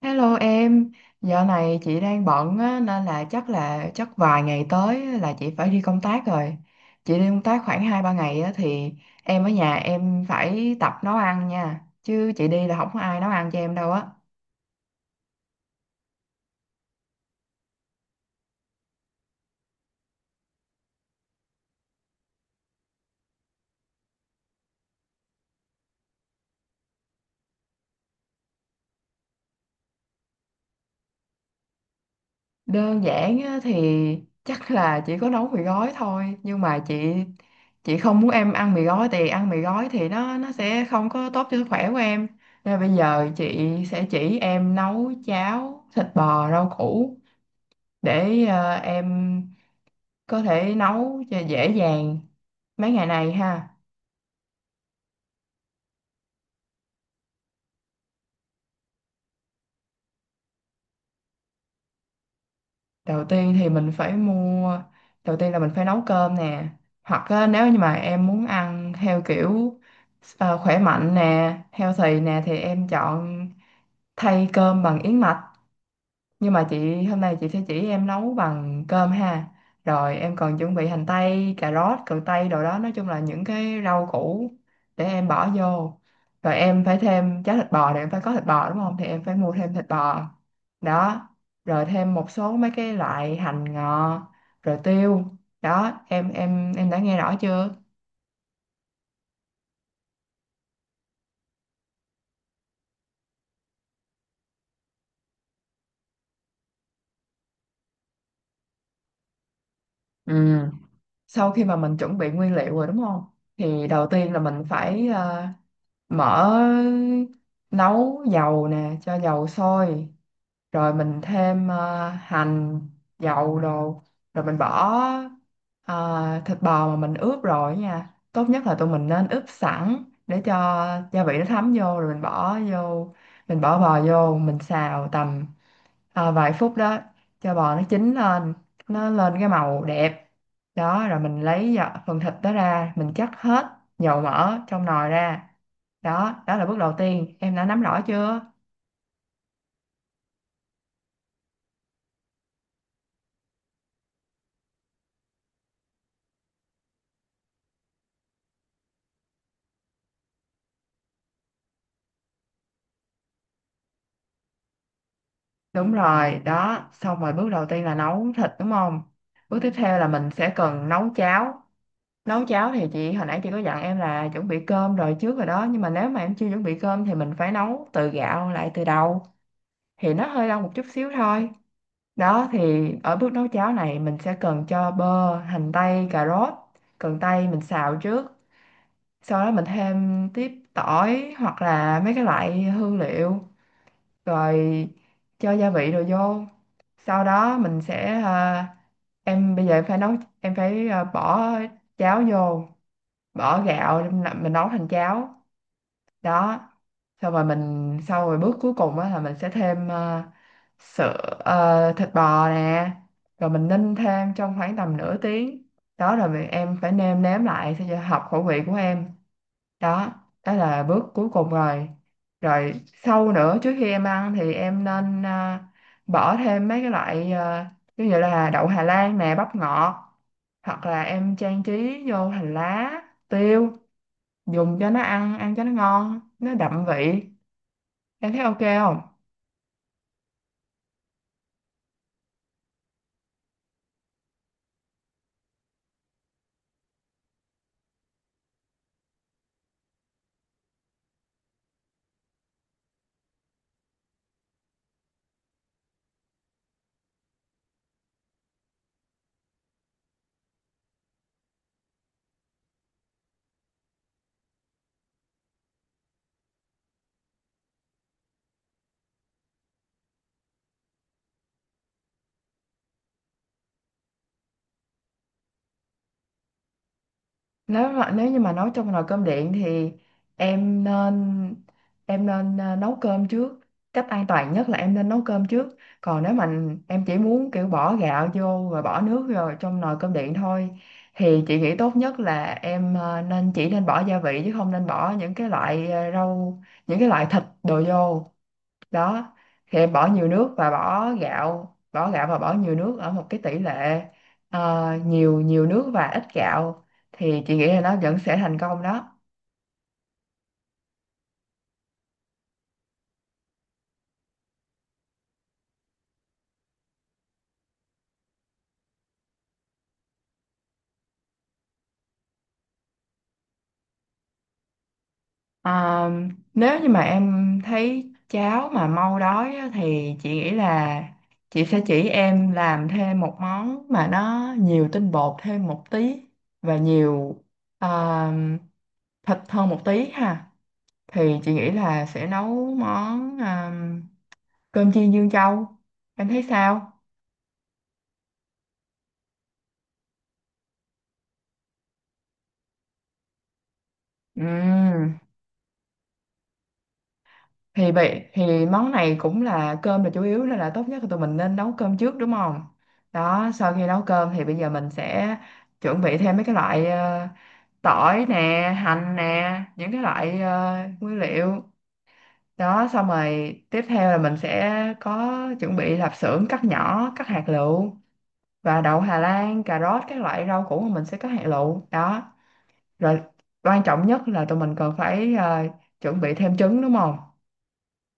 Hello em, dạo này chị đang bận á, nên là chắc vài ngày tới á là chị phải đi công tác rồi. Chị đi công tác khoảng hai ba ngày á, thì em ở nhà em phải tập nấu ăn nha. Chứ chị đi là không có ai nấu ăn cho em đâu á. Đơn giản á, thì chắc là chỉ có nấu mì gói thôi. Nhưng mà chị không muốn em ăn mì gói, thì ăn mì gói thì nó sẽ không có tốt cho sức khỏe của em. Nên bây giờ chị sẽ chỉ em nấu cháo thịt bò rau củ để em có thể nấu cho dễ dàng mấy ngày này ha. Đầu tiên thì mình phải mua đầu tiên là mình phải nấu cơm nè, hoặc á, nếu như mà em muốn ăn theo kiểu khỏe mạnh nè, healthy nè, thì em chọn thay cơm bằng yến mạch. Nhưng mà chị hôm nay chị sẽ chỉ em nấu bằng cơm ha. Rồi em còn chuẩn bị hành tây, cà rốt, cần tây đồ đó, nói chung là những cái rau củ để em bỏ vô. Rồi em phải thêm cháo thịt bò thì em phải có thịt bò đúng không? Thì em phải mua thêm thịt bò. Đó. Rồi thêm một số mấy cái loại hành ngò, rồi tiêu. Đó, em đã nghe rõ chưa? Ừ. Sau khi mà mình chuẩn bị nguyên liệu rồi đúng không? Thì đầu tiên là mình phải mở nấu dầu nè, cho dầu sôi, rồi mình thêm hành dầu đồ, rồi mình bỏ thịt bò mà mình ướp rồi nha. Tốt nhất là tụi mình nên ướp sẵn để cho gia vị nó thấm vô, rồi mình bỏ bò vô, mình xào tầm vài phút đó, cho bò nó chín lên, nó lên cái màu đẹp. Đó rồi mình lấy phần thịt đó ra, mình chắc hết dầu mỡ trong nồi ra. Đó, đó là bước đầu tiên, em đã nắm rõ chưa? Đúng rồi, đó. Xong rồi bước đầu tiên là nấu thịt đúng không? Bước tiếp theo là mình sẽ cần nấu cháo. Nấu cháo thì chị hồi nãy chị có dặn em là chuẩn bị cơm rồi trước rồi đó. Nhưng mà nếu mà em chưa chuẩn bị cơm thì mình phải nấu từ gạo lại từ đầu. Thì nó hơi lâu một chút xíu thôi. Đó thì ở bước nấu cháo này mình sẽ cần cho bơ, hành tây, cà rốt. Cần tây mình xào trước. Sau đó mình thêm tiếp tỏi hoặc là mấy cái loại hương liệu, rồi cho gia vị rồi vô. Sau đó mình sẽ em bây giờ em phải nấu, em phải bỏ cháo vô bỏ gạo để mình nấu thành cháo đó. Xong rồi sau rồi bước cuối cùng á là mình sẽ thêm sữa, thịt bò nè, rồi mình ninh thêm trong khoảng tầm nửa tiếng. Đó rồi em phải nêm nếm lại sao cho hợp khẩu vị của em. Đó, đó là bước cuối cùng rồi. Rồi sau nữa, trước khi em ăn thì em nên bỏ thêm mấy cái loại, ví dụ là đậu Hà Lan nè, bắp ngọt, hoặc là em trang trí vô hành lá, tiêu, dùng cho nó ăn ăn cho nó ngon, nó đậm vị. Em thấy ok không? Nếu như mà nấu trong nồi cơm điện thì em nên, em nên nấu cơm trước. Cách an toàn nhất là em nên nấu cơm trước. Còn nếu mà em chỉ muốn kiểu bỏ gạo vô rồi bỏ nước rồi trong nồi cơm điện thôi, thì chị nghĩ tốt nhất là em chỉ nên bỏ gia vị, chứ không nên bỏ những cái loại rau, những cái loại thịt đồ vô. Đó thì em bỏ gạo và bỏ nhiều nước ở một cái tỷ lệ nhiều, nhiều nước và ít gạo, thì chị nghĩ là nó vẫn sẽ thành công đó. Ờ, nếu như mà em thấy cháo mà mau đói á, thì chị nghĩ là chị sẽ chỉ em làm thêm một món mà nó nhiều tinh bột thêm một tí và nhiều ờ, thịt hơn một tí ha. Thì chị nghĩ là sẽ nấu món cơm chiên Dương Châu. Em thấy sao? Ừm, thì món này cũng là cơm là chủ yếu, nên là tốt nhất là tụi mình nên nấu cơm trước đúng không? Đó, sau khi nấu cơm thì bây giờ mình sẽ chuẩn bị thêm mấy cái loại tỏi nè, hành nè, những cái loại nguyên liệu. Đó, xong rồi tiếp theo là mình sẽ có chuẩn bị lạp xưởng cắt nhỏ, cắt hạt lựu, và đậu Hà Lan, cà rốt, các loại rau củ mà mình sẽ cắt hạt lựu. Đó. Rồi quan trọng nhất là tụi mình cần phải chuẩn bị thêm trứng đúng không?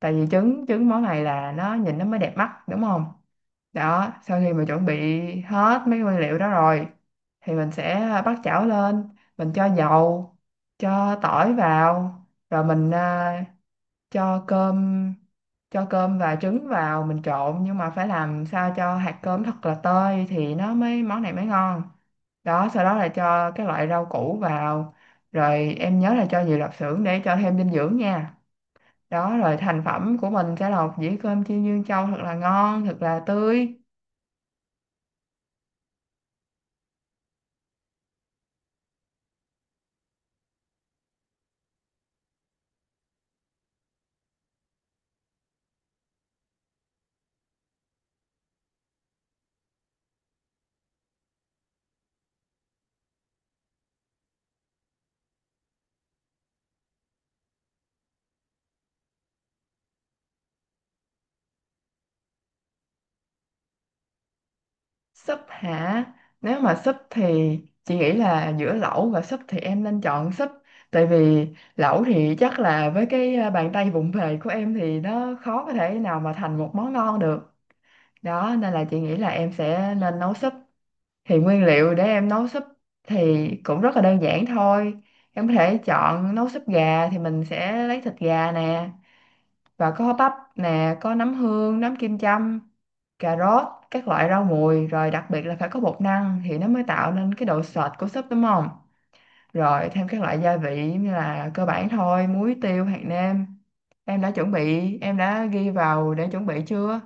Tại vì trứng trứng món này là nó nhìn nó mới đẹp mắt đúng không? Đó, sau khi mà chuẩn bị hết mấy nguyên liệu đó rồi thì mình sẽ bắt chảo lên, mình cho dầu, cho tỏi vào, rồi mình cho cơm cho cơm và trứng vào, mình trộn, nhưng mà phải làm sao cho hạt cơm thật là tơi thì nó mới món này mới ngon. Đó, sau đó là cho các loại rau củ vào, rồi em nhớ là cho nhiều lạp xưởng để cho thêm dinh dưỡng nha. Đó rồi thành phẩm của mình sẽ là một dĩa cơm chiên dương châu thật là ngon, thật là tươi. Súp hả? Nếu mà súp thì chị nghĩ là giữa lẩu và súp thì em nên chọn súp. Tại vì lẩu thì chắc là với cái bàn tay vụng về của em thì nó khó có thể nào mà thành một món ngon được. Đó, nên là chị nghĩ là em sẽ nên nấu súp. Thì nguyên liệu để em nấu súp thì cũng rất là đơn giản thôi. Em có thể chọn nấu súp gà, thì mình sẽ lấy thịt gà nè, và có bắp nè, có nấm hương, nấm kim châm, cà rốt, các loại rau mùi, rồi đặc biệt là phải có bột năng thì nó mới tạo nên cái độ sệt của súp đúng không? Rồi thêm các loại gia vị như là cơ bản thôi: muối, tiêu, hạt nêm. Em đã chuẩn bị, em đã ghi vào để chuẩn bị chưa?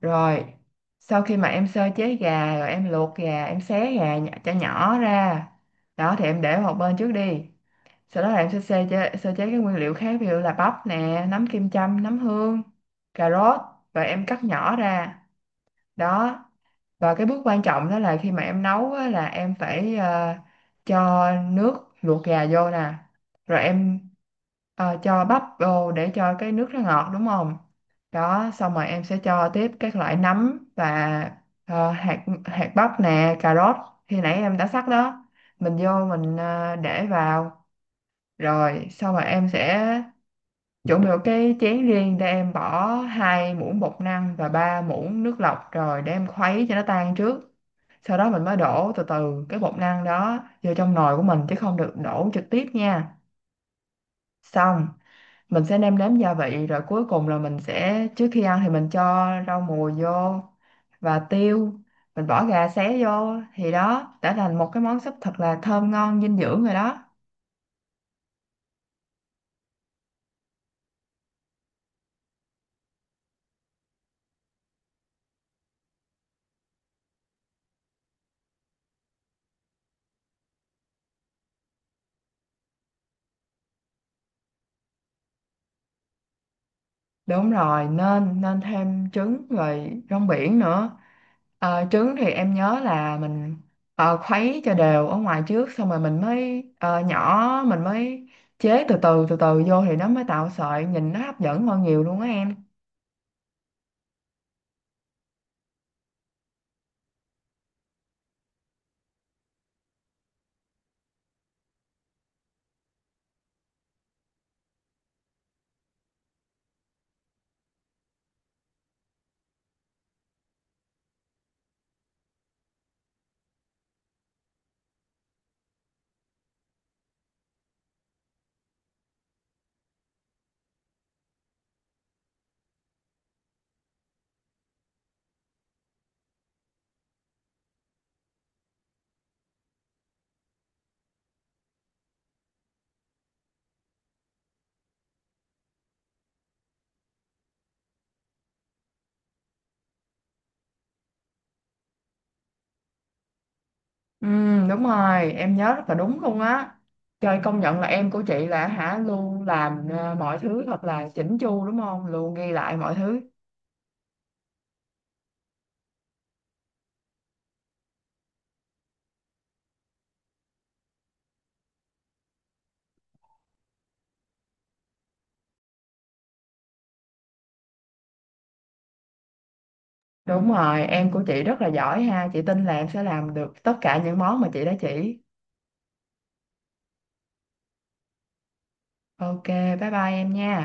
Rồi, sau khi mà em sơ chế gà rồi, em luộc gà, em xé gà nhỏ, cho nhỏ ra. Đó thì em để một bên trước đi. Sau đó là em sẽ sơ chế các nguyên liệu khác, ví dụ là bắp nè, nấm kim châm, nấm hương, cà rốt, rồi em cắt nhỏ ra. Đó. Và cái bước quan trọng đó là khi mà em nấu á, là em phải cho nước luộc gà vô nè. Rồi em cho bắp vô để cho cái nước nó ngọt đúng không? Đó, xong rồi em sẽ cho tiếp các loại nấm và hạt hạt bắp nè, cà rốt khi nãy em đã sắc đó. Mình vô mình để vào. Rồi xong rồi em sẽ chuẩn bị một cái chén riêng để em bỏ 2 muỗng bột năng và 3 muỗng nước lọc rồi để em khuấy cho nó tan trước. Sau đó mình mới đổ từ từ cái bột năng đó vô trong nồi của mình, chứ không được đổ trực tiếp nha. Xong mình sẽ nêm nếm gia vị, rồi cuối cùng là mình sẽ, trước khi ăn thì mình cho rau mùi vô và tiêu, mình bỏ gà xé vô thì đó đã thành một cái món súp thật là thơm ngon dinh dưỡng rồi đó. Đúng rồi, nên nên thêm trứng rồi rong biển nữa. Ờ, trứng thì em nhớ là mình khuấy cho đều ở ngoài trước, xong rồi mình mới chế từ từ từ từ vô thì nó mới tạo sợi, nhìn nó hấp dẫn hơn nhiều luôn á em. Ừ, đúng rồi, em nhớ rất là đúng luôn á. Trời, công nhận là em của chị là hả luôn làm mọi thứ thật là chỉnh chu đúng không? Luôn ghi lại mọi thứ. Đúng rồi, em của chị rất là giỏi ha, chị tin là em sẽ làm được tất cả những món mà chị đã chỉ. Ok, bye bye em nha.